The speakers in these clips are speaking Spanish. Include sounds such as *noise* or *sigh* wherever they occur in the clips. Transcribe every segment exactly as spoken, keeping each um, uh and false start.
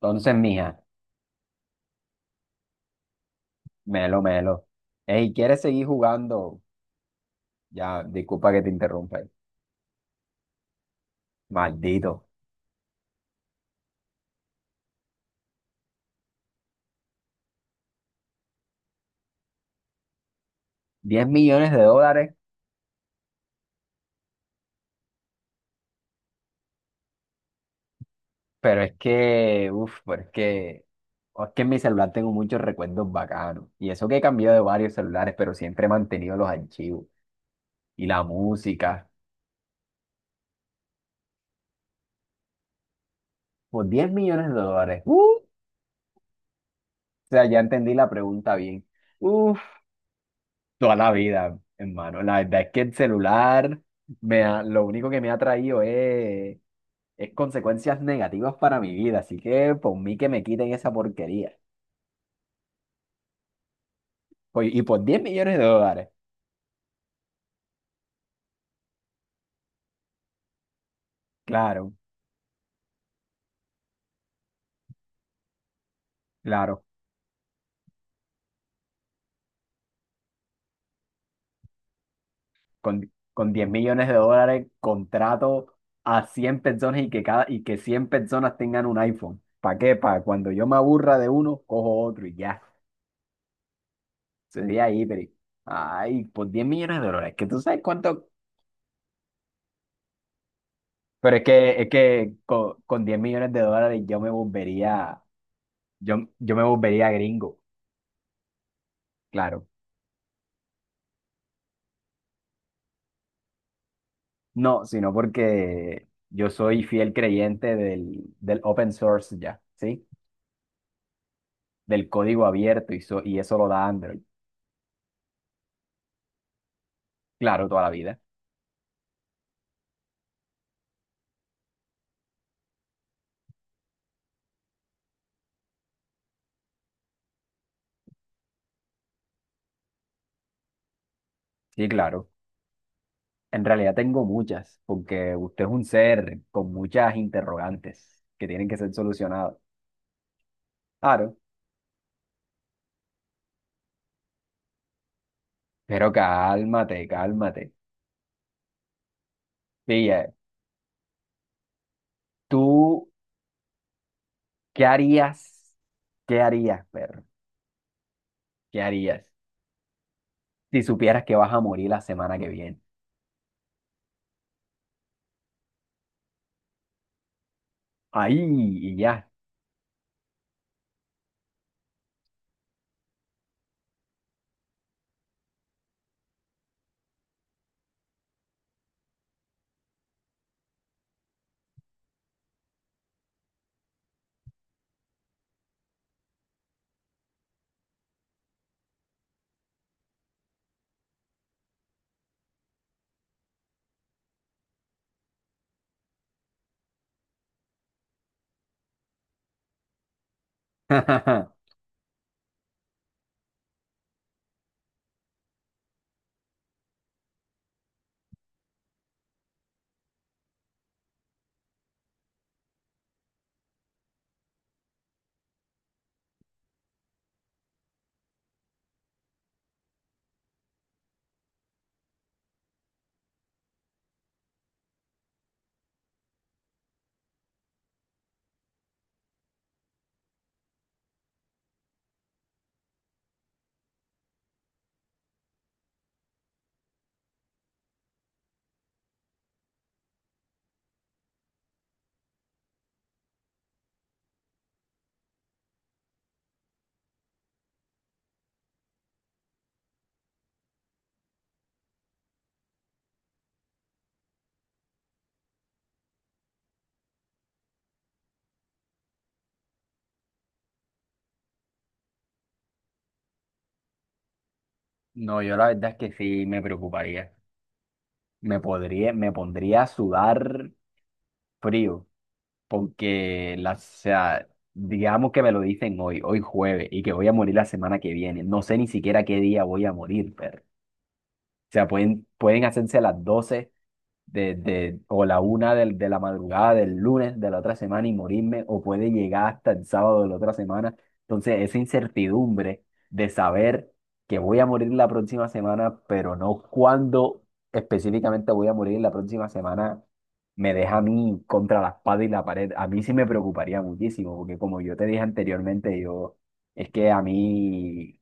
Entonces, mija, melo, melo. Ey, ¿quieres seguir jugando? Ya, disculpa que te interrumpa. eh. Maldito. Diez millones de dólares, pero es que, uff, pero es que, es que en mi celular tengo muchos recuerdos bacanos. Y eso que he cambiado de varios celulares, pero siempre he mantenido los archivos y la música. Por diez millones de dólares. Uh, o sea, ya entendí la pregunta bien. Uff, toda la vida, hermano. La verdad es que el celular, me ha- lo único que me ha traído es es consecuencias negativas para mi vida, así que por mí que me quiten esa porquería. Pues, y por diez millones de dólares, claro, claro, con, con diez millones de dólares contrato a cien personas y que, cada, y que cien personas tengan un iPhone. ¿Para qué? Para cuando yo me aburra de uno, cojo otro y ya. Sería ahí, pero. Ay, por diez millones de dólares, que tú sabes cuánto. Pero es que, es que con, con diez millones de dólares yo me volvería, yo, yo me volvería gringo, claro. No, sino porque yo soy fiel creyente del, del open source ya, ¿sí? Del código abierto y, so- y eso lo da Android. Claro, toda la vida. Sí, claro. En realidad tengo muchas, porque usted es un ser con muchas interrogantes que tienen que ser solucionadas. Claro, pero cálmate, cálmate. Pilla, ¿tú qué harías? ¿Qué harías, perro? ¿Qué harías si supieras que vas a morir la semana que viene? Ahí y ya. *laughs* No, yo la verdad es que sí me preocuparía. Me podría, me pondría a sudar frío, porque la, o sea, digamos que me lo dicen hoy, hoy jueves, y que voy a morir la semana que viene. No sé ni siquiera qué día voy a morir, pero. O sea, pueden, pueden hacerse las doce de, de- o la una del- de, la madrugada del lunes de la otra semana y morirme, o puede llegar hasta el sábado de la otra semana. Entonces, esa incertidumbre de saber que voy a morir la próxima semana, pero no cuándo específicamente voy a morir la próxima semana, me deja a mí contra la espada y la pared. A mí sí me preocuparía muchísimo, porque como yo te dije anteriormente, yo, es que a mí,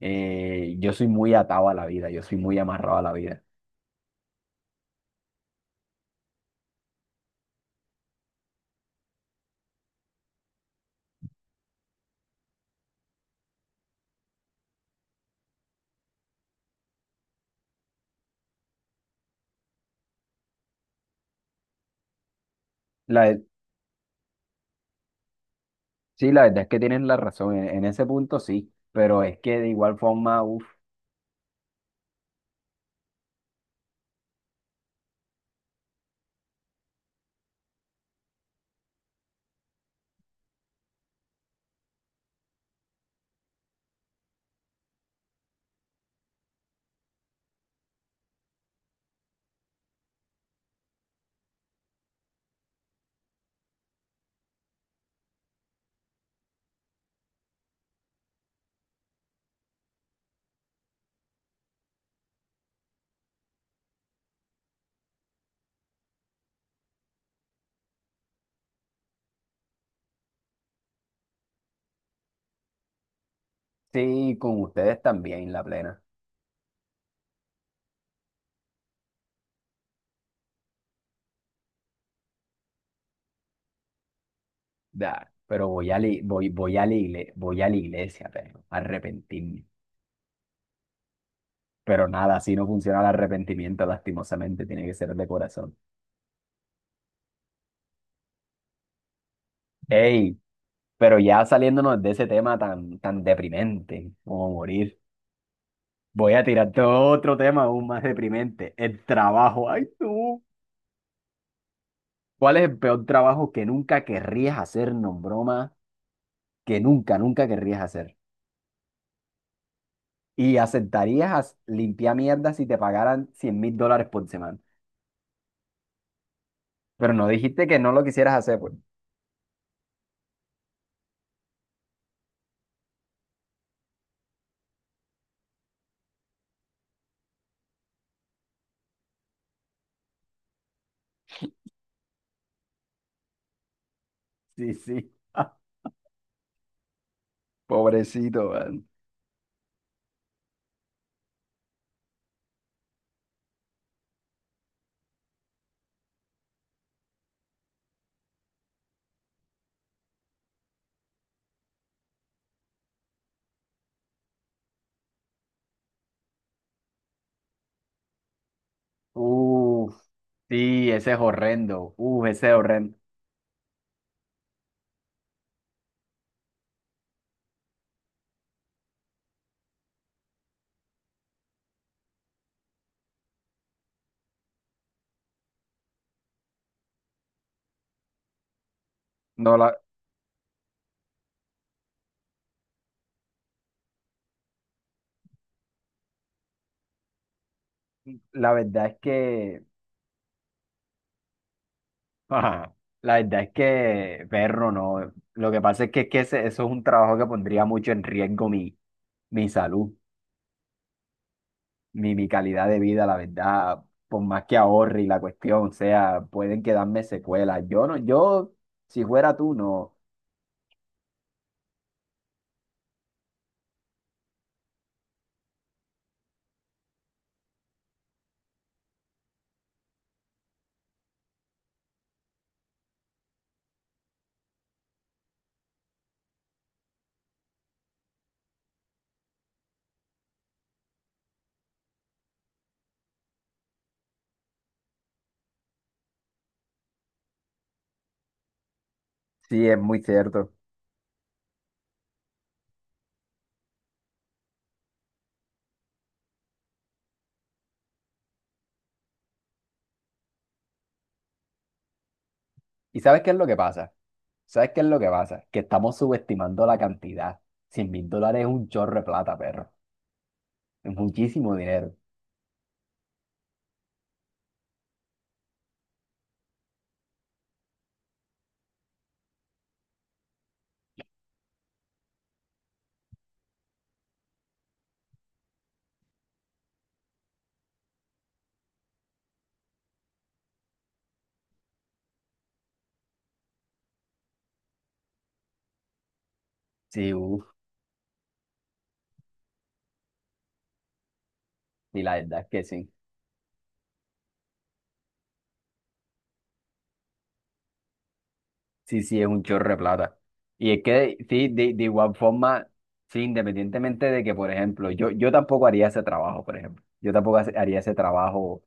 eh, yo soy muy atado a la vida, yo soy muy amarrado a la vida. La, Sí, la verdad es que tienes la razón, en, en ese punto sí, pero es que de igual forma, uff, sí, con ustedes también la plena. Da, pero voy a, li- voy, voy a, la igle- voy a la iglesia, pero a arrepentirme. Pero nada, así no funciona el arrepentimiento, lastimosamente, tiene que ser de corazón. Ey, pero ya saliéndonos de ese tema tan, tan deprimente como morir, voy a tirarte otro tema aún más deprimente, el trabajo. Ay, tú. ¿Cuál es el peor trabajo que nunca querrías hacer, no broma? que nunca, nunca querrías hacer. Y aceptarías as- limpiar mierda si te pagaran cien mil dólares por semana. Pero no dijiste que no lo quisieras hacer, pues. Sí, sí. *laughs* Pobrecito, man. Uf, sí, ese es horrendo. Uf, ese es horrendo. No, la, la verdad es que. ajá, La verdad es que, perro, no. Lo que pasa es que, es que ese- eso es un trabajo que pondría mucho en riesgo mi, mi salud, mi, mi calidad de vida, la verdad, por más que ahorre y la cuestión, o sea, pueden quedarme secuelas. Yo no, yo, si fuera tú, no. Sí, es muy cierto. ¿Y sabes qué es lo que pasa? ¿Sabes qué es lo que pasa? Que estamos subestimando la cantidad. cien mil dólares es un chorro de plata, perro. Es muchísimo dinero. Sí, uff, y la verdad es que sí. Sí, sí, es un chorro de plata. Y es que, sí, de, de igual forma, sí, independientemente de que, por ejemplo, yo, yo tampoco haría ese trabajo, por ejemplo. Yo tampoco hace- haría ese trabajo,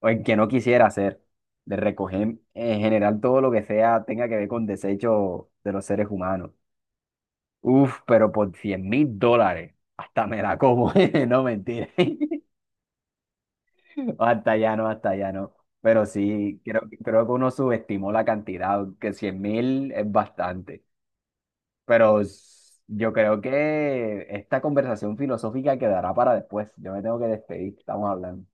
o en que no quisiera hacer, de recoger en general todo lo que sea, tenga que ver con desechos de los seres humanos. Uf, pero por cien mil dólares, hasta me la como, *laughs* no mentira. *laughs* Hasta allá no, hasta allá no. Pero sí, creo, creo que uno subestimó la cantidad, que cien mil es bastante. Pero s- yo creo que esta conversación filosófica quedará para después. Yo me tengo que despedir. Estamos hablando.